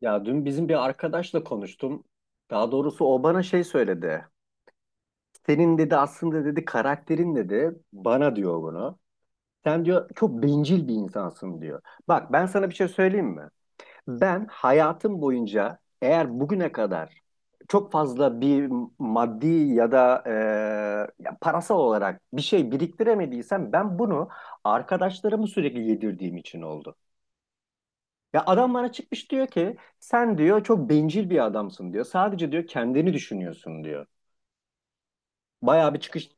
Ya dün bizim bir arkadaşla konuştum. Daha doğrusu o bana şey söyledi. Senin dedi aslında dedi karakterin dedi bana diyor bunu. Sen diyor çok bencil bir insansın diyor. Bak ben sana bir şey söyleyeyim mi? Ben hayatım boyunca eğer bugüne kadar çok fazla bir maddi ya da ya parasal olarak bir şey biriktiremediysem ben bunu arkadaşlarımı sürekli yedirdiğim için oldu. Ya adam bana çıkmış diyor ki sen diyor çok bencil bir adamsın diyor. Sadece diyor kendini düşünüyorsun diyor. Bayağı bir çıkış.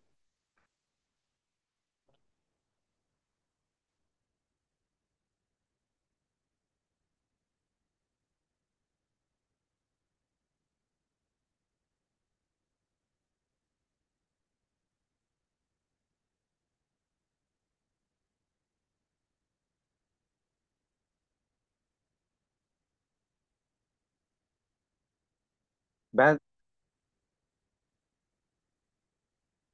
Ben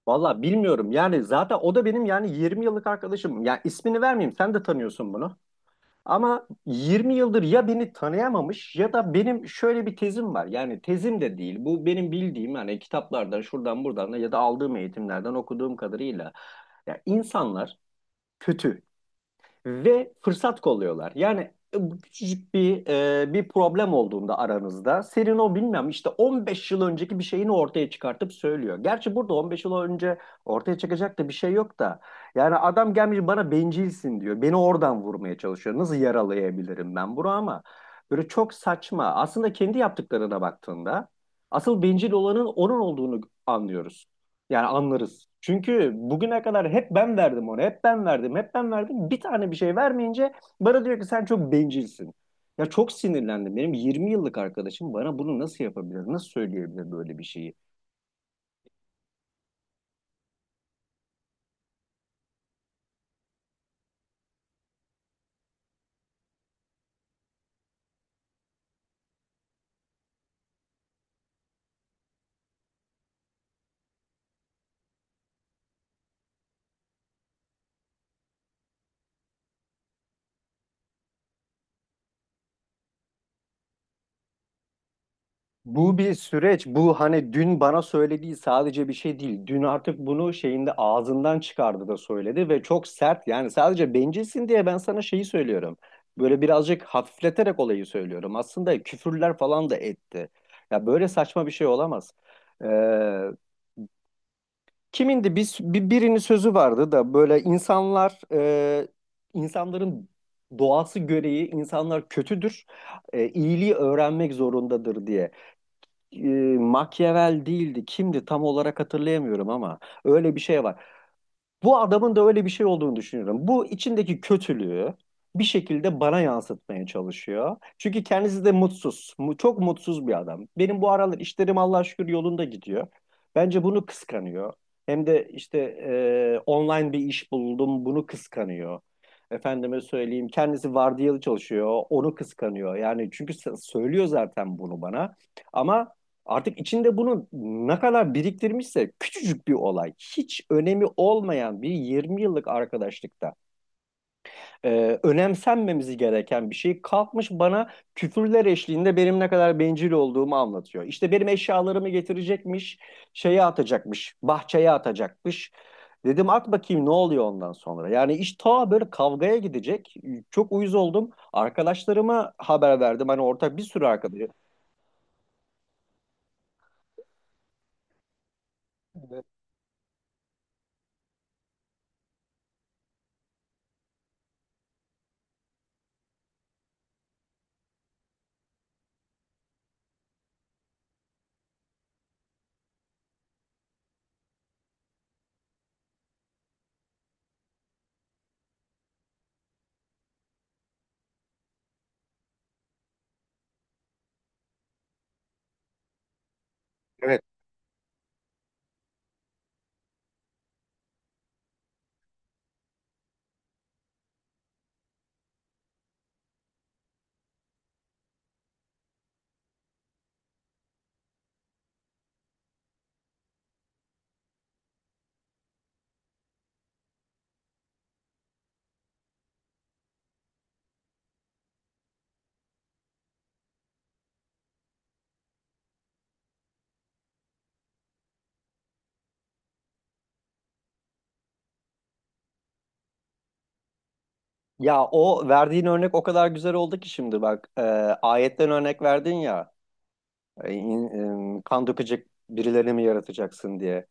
valla bilmiyorum yani zaten o da benim yani 20 yıllık arkadaşım. Ya ismini vermeyeyim sen de tanıyorsun bunu. Ama 20 yıldır ya beni tanıyamamış ya da benim şöyle bir tezim var. Yani tezim de değil. Bu benim bildiğim hani kitaplardan şuradan buradan da ya da aldığım eğitimlerden okuduğum kadarıyla. Ya insanlar kötü ve fırsat kolluyorlar. Yani bu küçücük bir problem olduğunda aranızda Serino bilmem işte 15 yıl önceki bir şeyini ortaya çıkartıp söylüyor. Gerçi burada 15 yıl önce ortaya çıkacak da bir şey yok da. Yani adam gelmiş bana bencilsin diyor. Beni oradan vurmaya çalışıyor. Nasıl yaralayabilirim ben bunu ama böyle çok saçma. Aslında kendi yaptıklarına baktığında asıl bencil olanın onun olduğunu anlıyoruz. Yani anlarız. Çünkü bugüne kadar hep ben verdim onu, hep ben verdim, hep ben verdim. Bir tane bir şey vermeyince bana diyor ki sen çok bencilsin. Ya çok sinirlendim. Benim 20 yıllık arkadaşım bana bunu nasıl yapabilir, nasıl söyleyebilir böyle bir şeyi? Bu bir süreç. Bu hani dün bana söylediği sadece bir şey değil. Dün artık bunu şeyinde ağzından çıkardı da söyledi ve çok sert. Yani sadece bencilsin diye ben sana şeyi söylüyorum. Böyle birazcık hafifleterek olayı söylüyorum. Aslında küfürler falan da etti. Ya böyle saçma bir şey olamaz. Ee, Kimindi? Birinin sözü vardı da böyle insanlar insanların doğası gereği insanlar kötüdür. İyiliği öğrenmek zorundadır diye e, Machiavelli değildi. Kimdi tam olarak hatırlayamıyorum ama öyle bir şey var. Bu adamın da öyle bir şey olduğunu düşünüyorum. Bu içindeki kötülüğü bir şekilde bana yansıtmaya çalışıyor. Çünkü kendisi de mutsuz. Çok mutsuz bir adam. Benim bu aralar işlerim Allah'a şükür yolunda gidiyor. Bence bunu kıskanıyor. Hem de işte online bir iş buldum, bunu kıskanıyor. Efendime söyleyeyim, kendisi vardiyalı çalışıyor, onu kıskanıyor. Yani çünkü söylüyor zaten bunu bana. Ama artık içinde bunu ne kadar biriktirmişse küçücük bir olay, hiç önemi olmayan bir 20 yıllık arkadaşlıkta önemsenmemizi gereken bir şey kalkmış bana küfürler eşliğinde benim ne kadar bencil olduğumu anlatıyor. İşte benim eşyalarımı getirecekmiş, şeye atacakmış, bahçeye atacakmış. Dedim at bakayım ne oluyor ondan sonra. Yani iş ta böyle kavgaya gidecek. Çok uyuz oldum. Arkadaşlarıma haber verdim. Hani ortak bir sürü arkadaşım. Evet. Ya o verdiğin örnek o kadar güzel oldu ki şimdi bak ayetten örnek verdin ya kan dökecek birilerini mi yaratacaksın diye.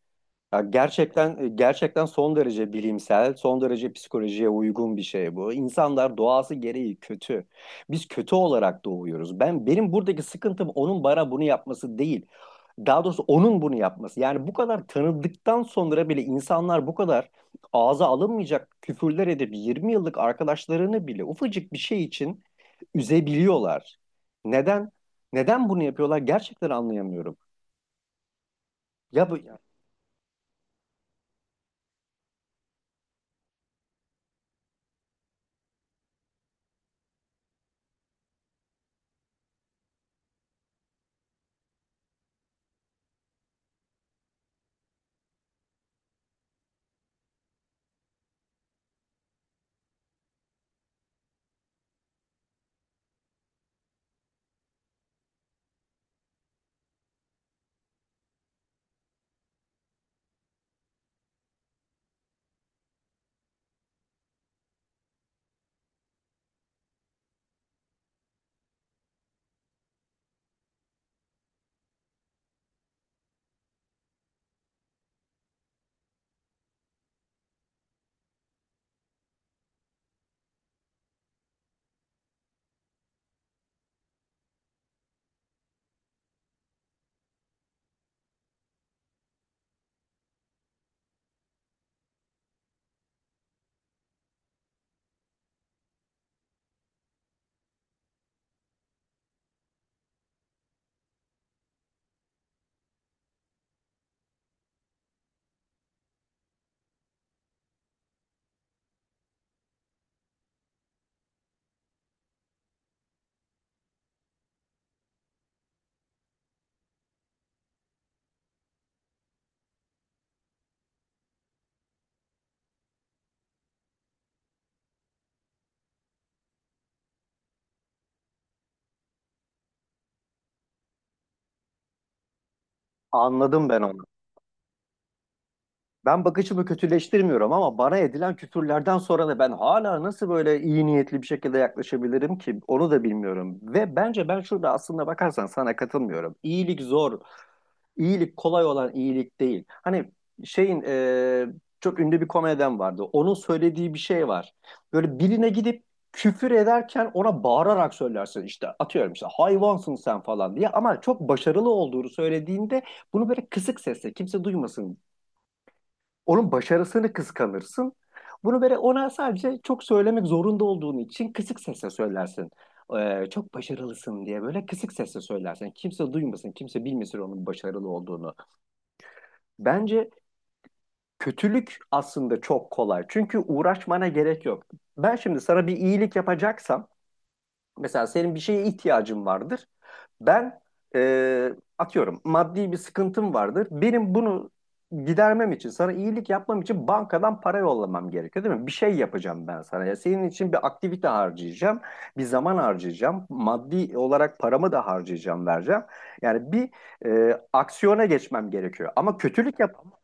Ya gerçekten gerçekten son derece bilimsel, son derece psikolojiye uygun bir şey bu. İnsanlar doğası gereği kötü. Biz kötü olarak doğuyoruz. Ben benim buradaki sıkıntım onun bana bunu yapması değil. Daha doğrusu onun bunu yapması. Yani bu kadar tanıdıktan sonra bile insanlar bu kadar ağza alınmayacak küfürler edip 20 yıllık arkadaşlarını bile ufacık bir şey için üzebiliyorlar. Neden? Neden bunu yapıyorlar? Gerçekten anlayamıyorum. Ya bu, Anladım ben onu. Ben bakışımı kötüleştirmiyorum ama bana edilen küfürlerden sonra da ben hala nasıl böyle iyi niyetli bir şekilde yaklaşabilirim ki onu da bilmiyorum. Ve bence ben şurada aslında bakarsan sana katılmıyorum. İyilik zor, iyilik kolay olan iyilik değil. Hani şeyin çok ünlü bir komedyen vardı. Onun söylediği bir şey var. Böyle birine gidip küfür ederken ona bağırarak söylersin işte atıyorum işte hayvansın sen falan diye ama çok başarılı olduğunu söylediğinde bunu böyle kısık sesle kimse duymasın onun başarısını kıskanırsın. Bunu böyle ona sadece çok söylemek zorunda olduğun için kısık sesle söylersin. Çok başarılısın diye böyle kısık sesle söylersin. Kimse duymasın, kimse bilmesin onun başarılı olduğunu. Bence kötülük aslında çok kolay. Çünkü uğraşmana gerek yok. Ben şimdi sana bir iyilik yapacaksam, mesela senin bir şeye ihtiyacın vardır. Ben atıyorum maddi bir sıkıntım vardır. Benim bunu gidermem için, sana iyilik yapmam için bankadan para yollamam gerekiyor değil mi? Bir şey yapacağım ben sana. Ya senin için bir aktivite harcayacağım, bir zaman harcayacağım, maddi olarak paramı da harcayacağım, vereceğim. Yani bir aksiyona geçmem gerekiyor. Ama kötülük yapamam.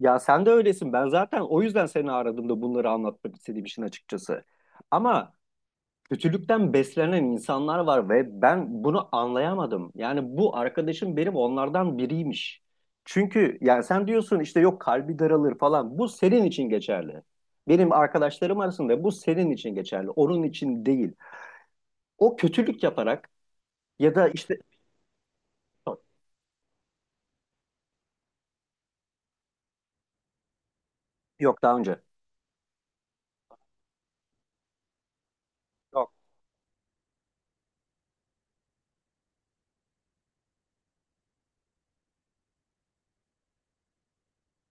Ya sen de öylesin. Ben zaten o yüzden seni aradım da bunları anlatmak istediğim için açıkçası. Ama kötülükten beslenen insanlar var ve ben bunu anlayamadım. Yani bu arkadaşım benim onlardan biriymiş. Çünkü yani sen diyorsun işte yok kalbi daralır falan. Bu senin için geçerli. Benim arkadaşlarım arasında bu senin için geçerli. Onun için değil. O kötülük yaparak ya da işte. Yok, daha önce.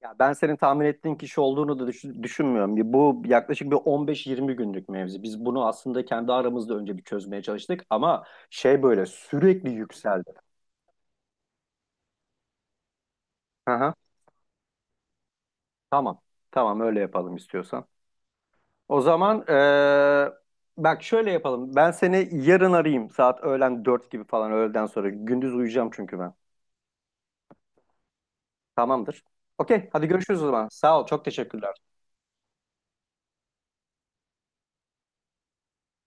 Ya ben senin tahmin ettiğin kişi olduğunu da düşünmüyorum. Bu yaklaşık bir 15-20 günlük mevzi. Biz bunu aslında kendi aramızda önce bir çözmeye çalıştık ama şey böyle sürekli yükseldi. Hı hı. Tamam. Tamam öyle yapalım istiyorsan. O zaman bak şöyle yapalım. Ben seni yarın arayayım saat öğlen 4 gibi falan öğleden sonra. Gündüz uyuyacağım çünkü ben. Tamamdır. Okey hadi görüşürüz o zaman. Sağ ol çok teşekkürler.